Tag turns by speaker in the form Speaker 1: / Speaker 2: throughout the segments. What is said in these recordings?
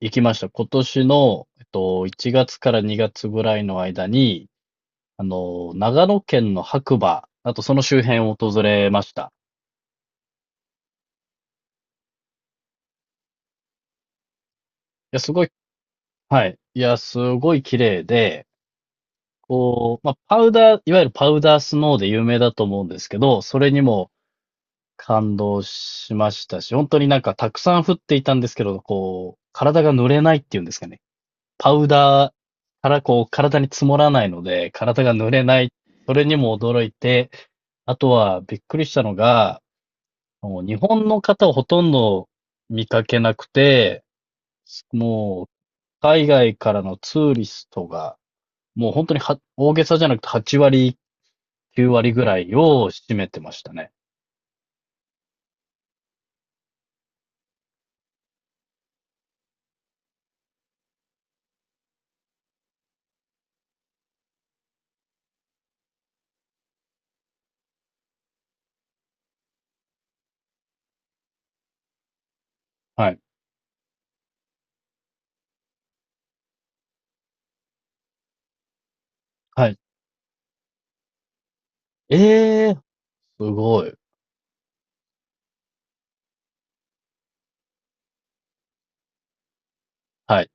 Speaker 1: 行きました。今年の、1月から2月ぐらいの間に、長野県の白馬、あとその周辺を訪れました。いや、すごい、はい。いや、すごい綺麗で、こう、まあ、パウダー、いわゆるパウダースノーで有名だと思うんですけど、それにも感動しましたし、本当になんかたくさん降っていたんですけど、こう、体が濡れないっていうんですかね。パウダーからこう、体に積もらないので、体が濡れない。それにも驚いて、あとは、びっくりしたのが、もう日本の方をほとんど見かけなくて、もう、海外からのツーリストが、もう本当に、大げさじゃなくて8割、9割ぐらいを占めてましたね。はい。はい。ええ、すごい。はい。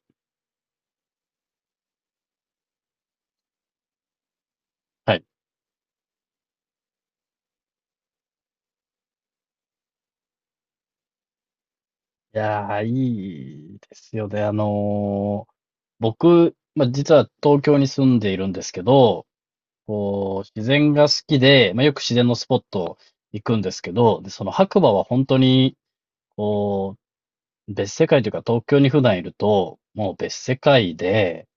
Speaker 1: はい。いやー、いいですよね。僕、まあ、実は東京に住んでいるんですけど、こう、自然が好きで、まあ、よく自然のスポット行くんですけど、で、その白馬は本当に、こう、別世界というか、東京に普段いると、もう別世界で、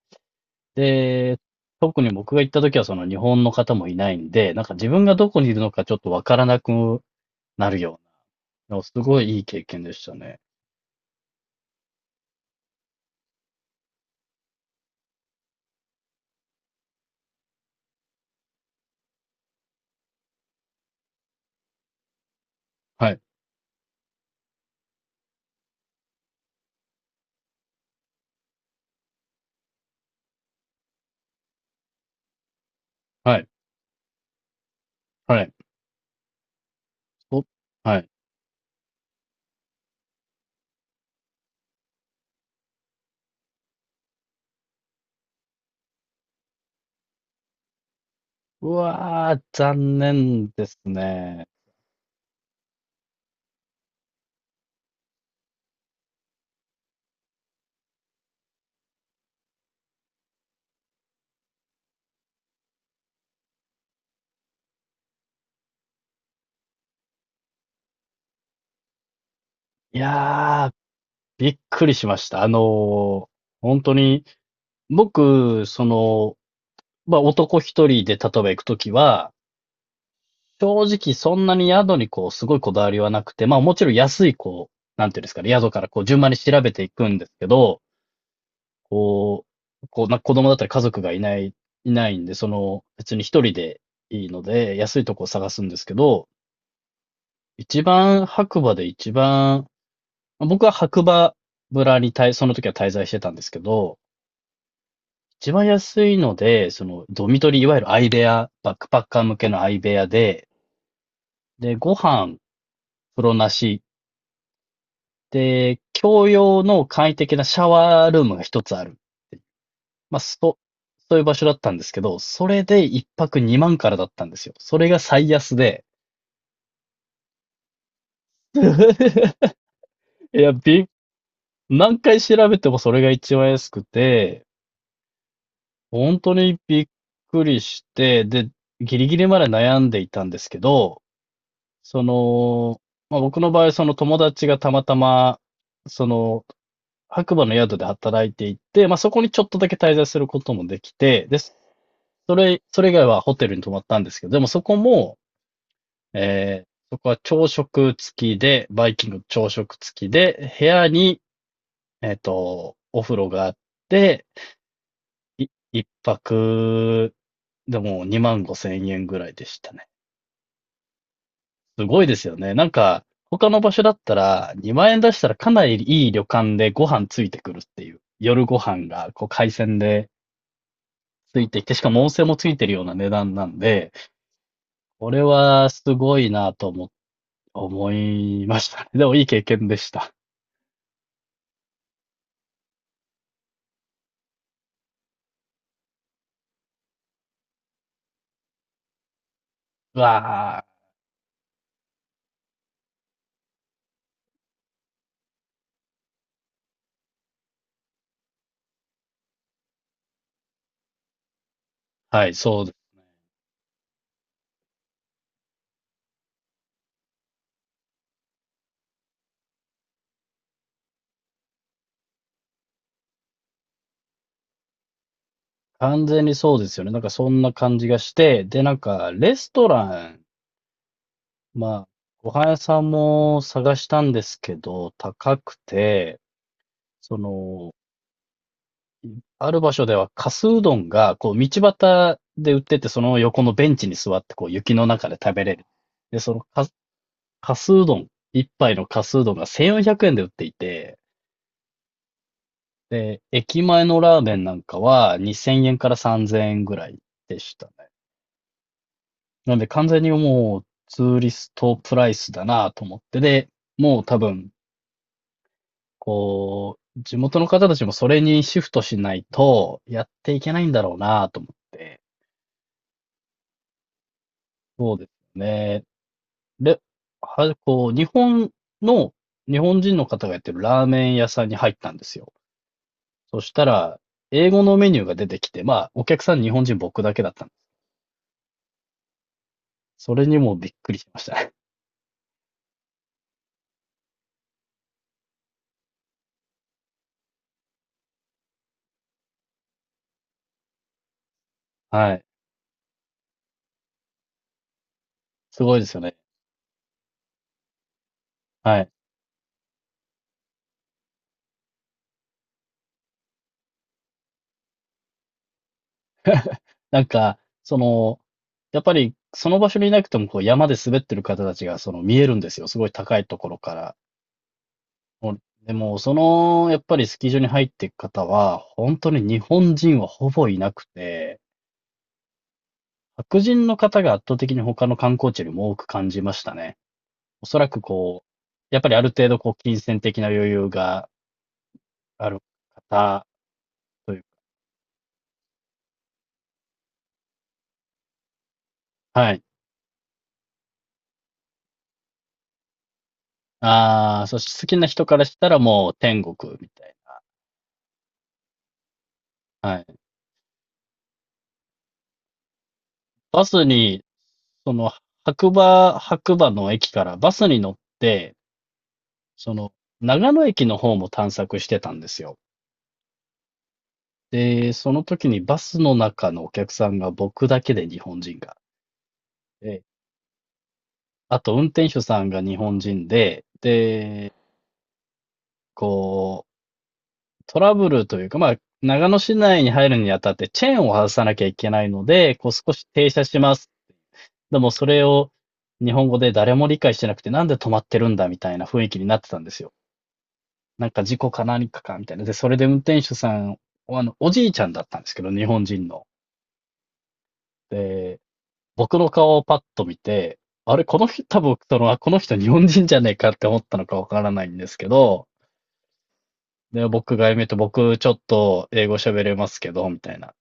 Speaker 1: で、特に僕が行った時はその日本の方もいないんで、なんか自分がどこにいるのかちょっとわからなくなるような、すごいいい経験でしたね。はい、はい、はい。お、はい。うわー、残念ですね。いやー、びっくりしました。ー本当に、僕、その、まあ、男一人で例えば行くときは、正直そんなに宿にこう、すごいこだわりはなくて、まあもちろん安いこう、なんていうんですかね、宿からこう順番に調べていくんですけど、こう、こうな子供だったり家族がいないんで、その別に一人でいいので、安いとこを探すんですけど、一番、僕は白馬村にその時は滞在してたんですけど、一番安いので、その、ドミトリー、いわゆる相部屋、バックパッカー向けの相部屋で、で、ご飯、風呂なし、で、共用の簡易的なシャワールームが一つある。まあ、そ、そういう場所だったんですけど、それで一泊二万からだったんですよ。それが最安で。いや、び、何回調べてもそれが一番安くて、本当にびっくりして、で、ギリギリまで悩んでいたんですけど、その、まあ、僕の場合、その友達がたまたま、その、白馬の宿で働いていて、まあ、そこにちょっとだけ滞在することもできて、で、それ以外はホテルに泊まったんですけど、でもそこも、そこは朝食付きで、バイキング朝食付きで、部屋に、お風呂があって、一泊、でも2万5千円ぐらいでしたね。すごいですよね。なんか、他の場所だったら、2万円出したらかなりいい旅館でご飯ついてくるっていう。夜ご飯が、こう、海鮮でついてきて、しかも温泉もついてるような値段なんで、これはすごいなと思いましたね。でもいい経験でした。うわあ、はい、そうです。完全にそうですよね。なんかそんな感じがして、で、なんか、レストラン、まあ、ご飯屋さんも探したんですけど、高くて、その、ある場所では、かすうどんが、こう、道端で売ってて、その横のベンチに座って、こう、雪の中で食べれる。で、かすうどん、一杯のかすうどんが1400円で売っていて、で、駅前のラーメンなんかは2000円から3000円ぐらいでしたね。なんで完全にもうツーリストプライスだなと思って、で、もう多分、こう、地元の方たちもそれにシフトしないとやっていけないんだろうなと思って、そうですね。れ、こう、の、日本人の方がやってるラーメン屋さんに入ったんですよ。そしたら、英語のメニューが出てきて、まあ、お客さん日本人僕だけだったんです。それにもびっくりしましたね。はい。すごいですよね。はい。なんか、その、やっぱり、その場所にいなくても、こう、山で滑ってる方たちが、その、見えるんですよ。すごい高いところから。もうでも、その、やっぱりスキー場に入っていく方は、本当に日本人はほぼいなくて、白人の方が圧倒的に他の観光地よりも多く感じましたね。おそらくこう、やっぱりある程度こう、金銭的な余裕がある方というか、はい。ああ、そして好きな人からしたらもう天国みたいな。はい。バスに、その、白馬の駅からバスに乗って、その、長野駅の方も探索してたんですよ。で、その時にバスの中のお客さんが僕だけで日本人が。あと、運転手さんが日本人で、で、こう、トラブルというか、まあ、長野市内に入るにあたってチェーンを外さなきゃいけないので、こう少し停車します。でもそれを日本語で誰も理解してなくて、なんで止まってるんだみたいな雰囲気になってたんですよ。なんか事故か何かかみたいな。で、それで運転手さん、あの、おじいちゃんだったんですけど、日本人の。で、僕の顔をパッと見て、あれ、この人、多分、その、この人日本人じゃねえかって思ったのかわからないんですけど、で、僕が僕ちょっと英語喋れますけど、みたいな。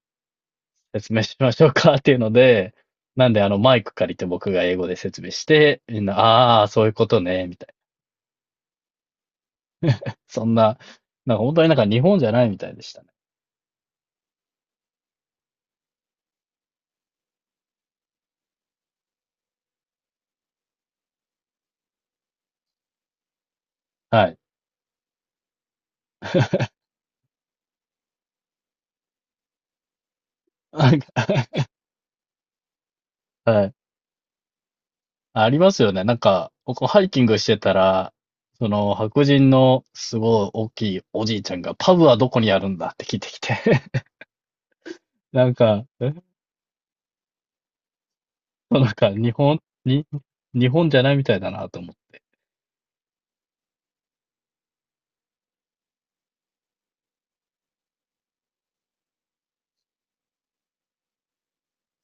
Speaker 1: 説明しましょうかっていうので、なんであのマイク借りて僕が英語で説明して、みんな、ああ、そういうことね、みたいな。そんな、なんか本当になんか日本じゃないみたいでしたね。はい。なんか はい。ありますよね。なんか、僕ハイキングしてたら、その白人のすごい大きいおじいちゃんが、パブはどこにあるんだって聞いてきて なんか、なんか日本じゃないみたいだなと思って。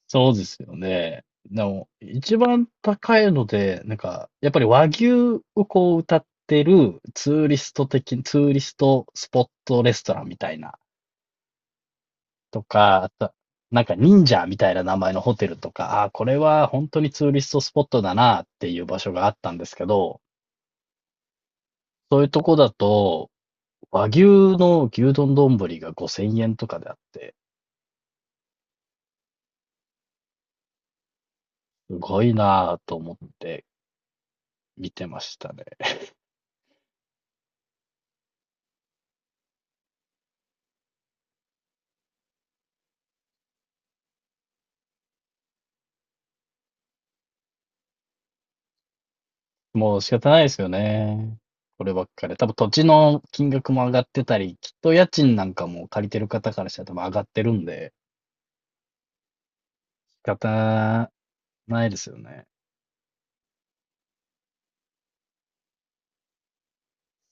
Speaker 1: そうですよね。でも、一番高いので、なんか、やっぱり和牛をこう歌ってるツーリストスポットレストランみたいな、とか、あと、なんか忍者みたいな名前のホテルとか、あーこれは本当にツーリストスポットだなっていう場所があったんですけど、そういうとこだと、和牛の丼が5000円とかであって、すごいなぁと思って見てましたね。もう仕方ないですよね。こればっかり多分土地の金額も上がってたり、きっと家賃なんかも借りてる方からしたら多分上がってるんで、仕方ないですよね。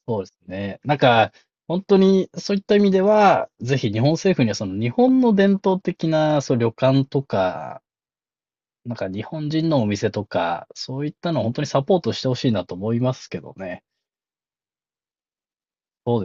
Speaker 1: そうですね。なんか、本当にそういった意味では、ぜひ日本政府にはその日本の伝統的な旅館とか、なんか日本人のお店とか、そういったのを本当にサポートしてほしいなと思いますけどね。そうです